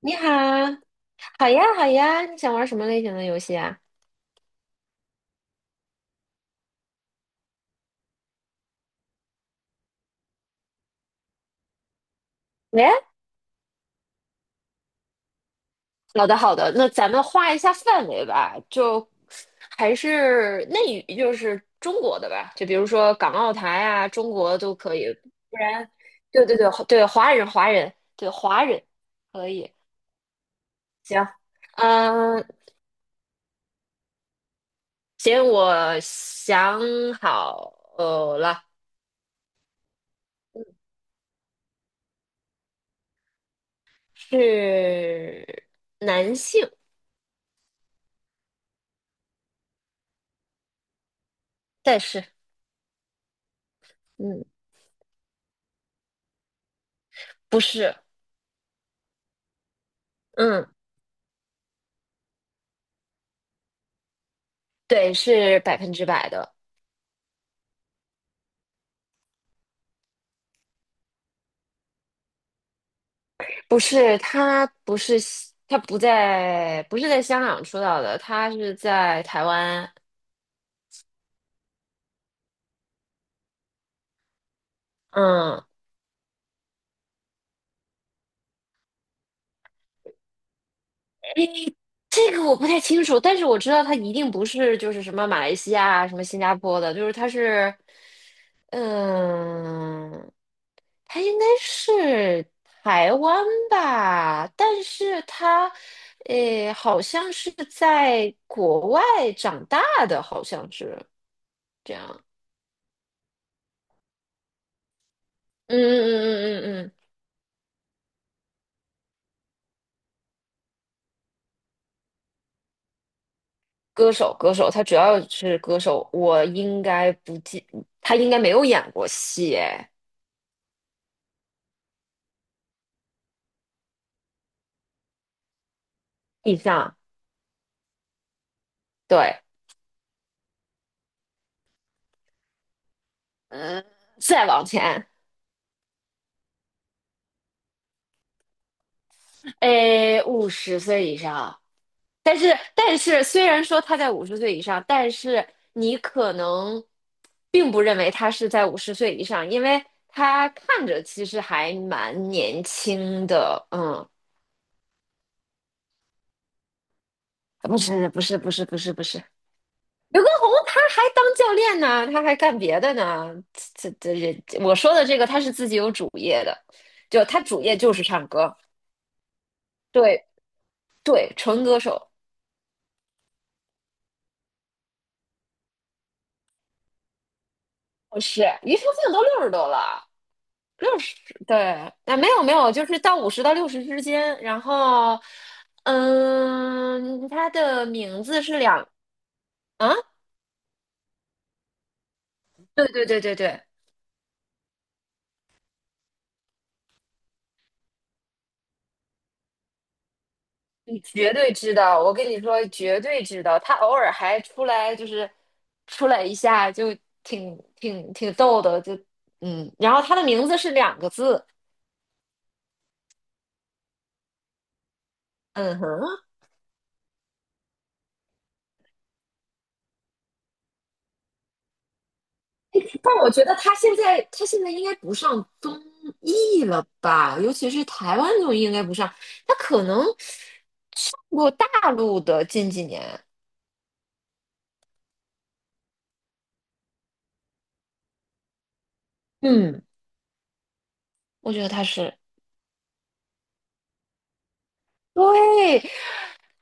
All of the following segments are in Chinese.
你好，好呀，好呀，你想玩什么类型的游戏啊？喂，好的，好的，那咱们画一下范围吧，就还是内娱，就是中国的吧，就比如说港澳台啊，中国都可以。不然，对对对对，华人华人，对华人可以，行，嗯，行，我想好了。是男性。但是，嗯，不是。嗯。对，是百分之百的。不是他不是西他不在不是在香港出道的，他是在台湾。嗯，诶，这个我不太清楚，但是我知道他一定不是就是什么马来西亚、什么新加坡的，就是他是，嗯，他应该是台湾吧。但是他，诶，好像是在国外长大的，好像是。这样。嗯嗯嗯嗯嗯，嗯歌手歌手，他主要是歌手，我应该不记，他应该没有演过戏哎。以上，对。嗯，再往前。诶，五十岁以上。但是但是虽然说他在五十岁以上，但是你可能并不认为他是在五十岁以上，因为他看着其实还蛮年轻的，嗯。不是不是不是不是不是，刘畊宏他还当教练呢，他还干别的呢。这这这，我说的这个他是自己有主业的，就他主业就是唱歌。对对，纯歌手。是，庾澄庆都60多了。六十，对。啊没有没有，就是到50到60之间。然后，嗯，他的名字是两啊。对对对对对。你绝对知道，我跟你说，绝对知道。他偶尔还出来，就是出来一下，就挺逗的，就。然后他的名字是两个字。嗯哼。但我觉得他现在应该不上综艺了吧？尤其是台湾综艺应该不上，他可能我大陆的近几年。嗯，我觉得他是对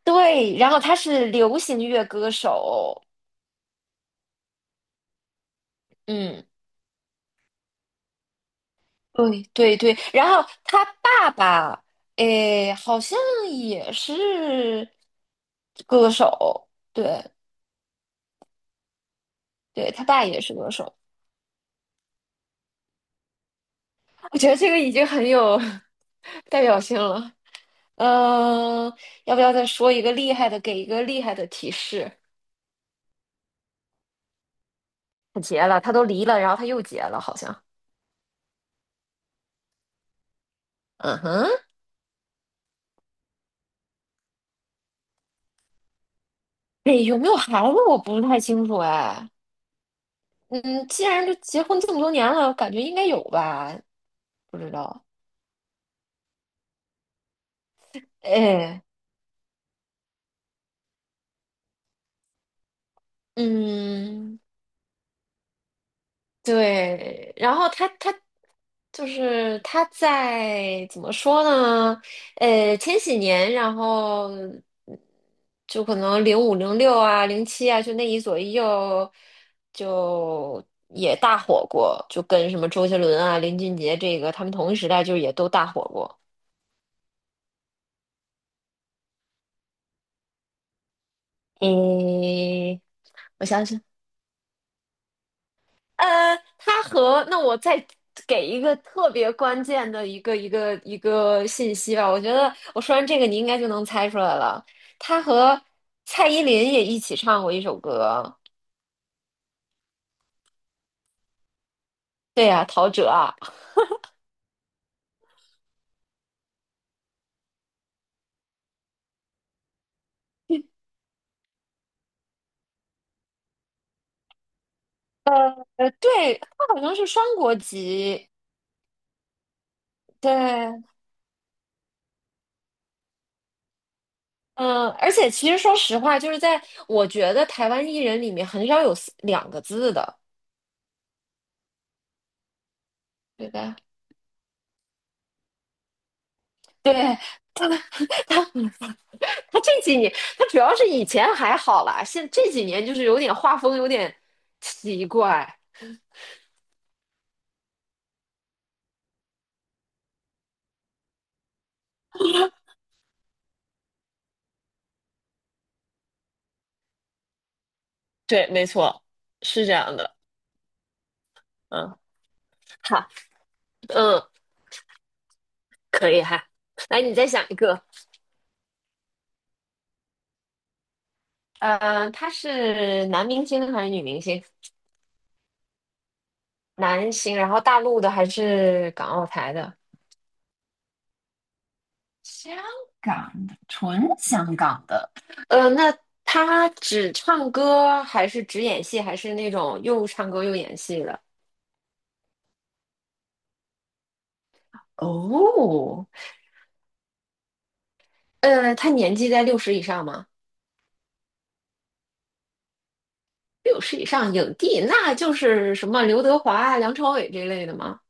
对，然后他是流行乐歌手。嗯。对对对，然后他爸爸，诶，好像也是歌手。对对，他爸也是歌手。我觉得这个已经很有 代表性了。嗯、要不要再说一个厉害的，给一个厉害的提示？他结了，他都离了，然后他又结了，好像。嗯哼。诶，有没有孩子我不是太清楚哎。嗯，既然都结婚这么多年了，感觉应该有吧？不知道。哎。嗯，对，然后他就是他在怎么说呢？千禧年，然后就可能05、06啊、07啊，就那一左一右就也大火过，就跟什么周杰伦啊、林俊杰这个他们同一时代，就也都大火过。嗯，我想诶，他和那我再给一个特别关键的一个信息吧，我觉得我说完这个你应该就能猜出来了。他和蔡依林也一起唱过一首歌。对呀、陶喆啊。对，他好像是双国籍。对，嗯，而且其实说实话，就是在我觉得台湾艺人里面很少有两个字的，对吧？对，他 他这几年，他主要是以前还好啦，这几年就是有点画风有点奇怪。对，没错，是这样的。嗯，好，嗯，可以哈。来，你再想一个。他是男明星还是女明星？男星，然后大陆的还是港澳台的？香港的，纯香港的。那他只唱歌还是只演戏，还是那种又唱歌又演戏的？哦。他年纪在六十以上吗？六十以上影帝，那就是什么刘德华啊、梁朝伟这类的吗？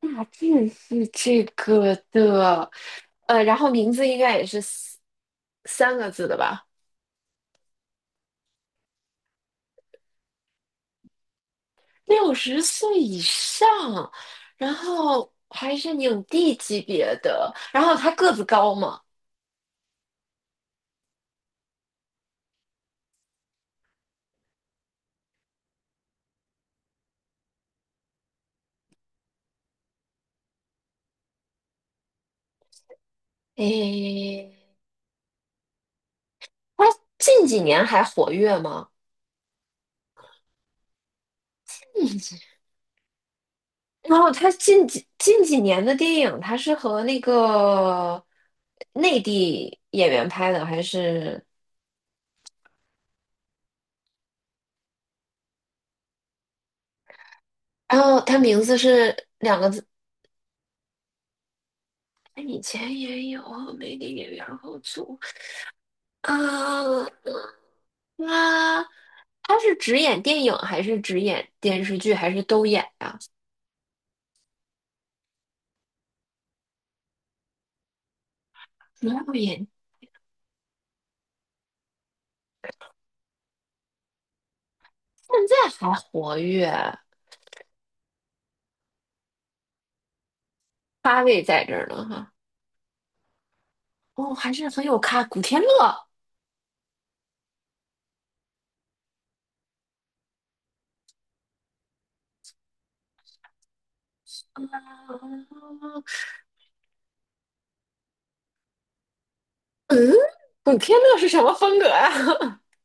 大致是这个的。然后名字应该也是三个字的吧？60岁以上，然后还是影帝级别的，然后他个子高吗？诶，他近几年还活跃吗？然后他近几年的电影，他是和那个内地演员拍的，还是？然后他名字是两个字。哎，以前也有和内地演员合作。啊，他他是只演电影，还是只演电视剧，还是都演呀、主要演，现在还活跃，咖位在这儿呢哈。哦，还是很有咖，古天乐。嗯，古天乐是什么风格啊？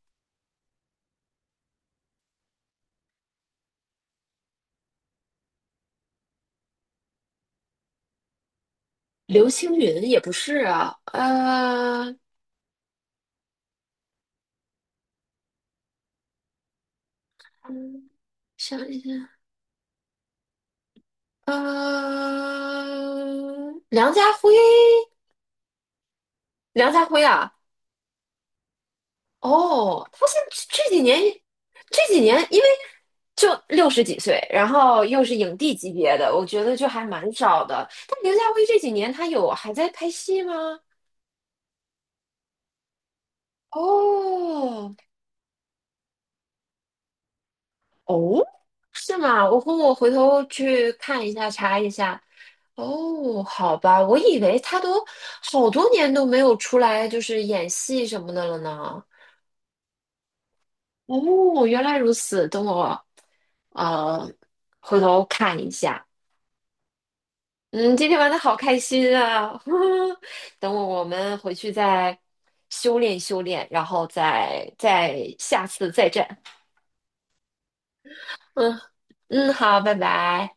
刘青云也不是啊。嗯想一下。梁家辉。梁家辉啊，哦，他这几年，这几年因为就60几岁，然后又是影帝级别的，我觉得就还蛮少的。但梁家辉这几年他有还在拍戏吗？哦。哦，是吗？我回头去看一下，查一下。哦，好吧，我以为他都好多年都没有出来，就是演戏什么的了呢。哦，原来如此，等我呃回头看一下。嗯，今天玩的好开心啊！我们回去再修炼修炼，然后再下次再战。嗯嗯，好，拜拜。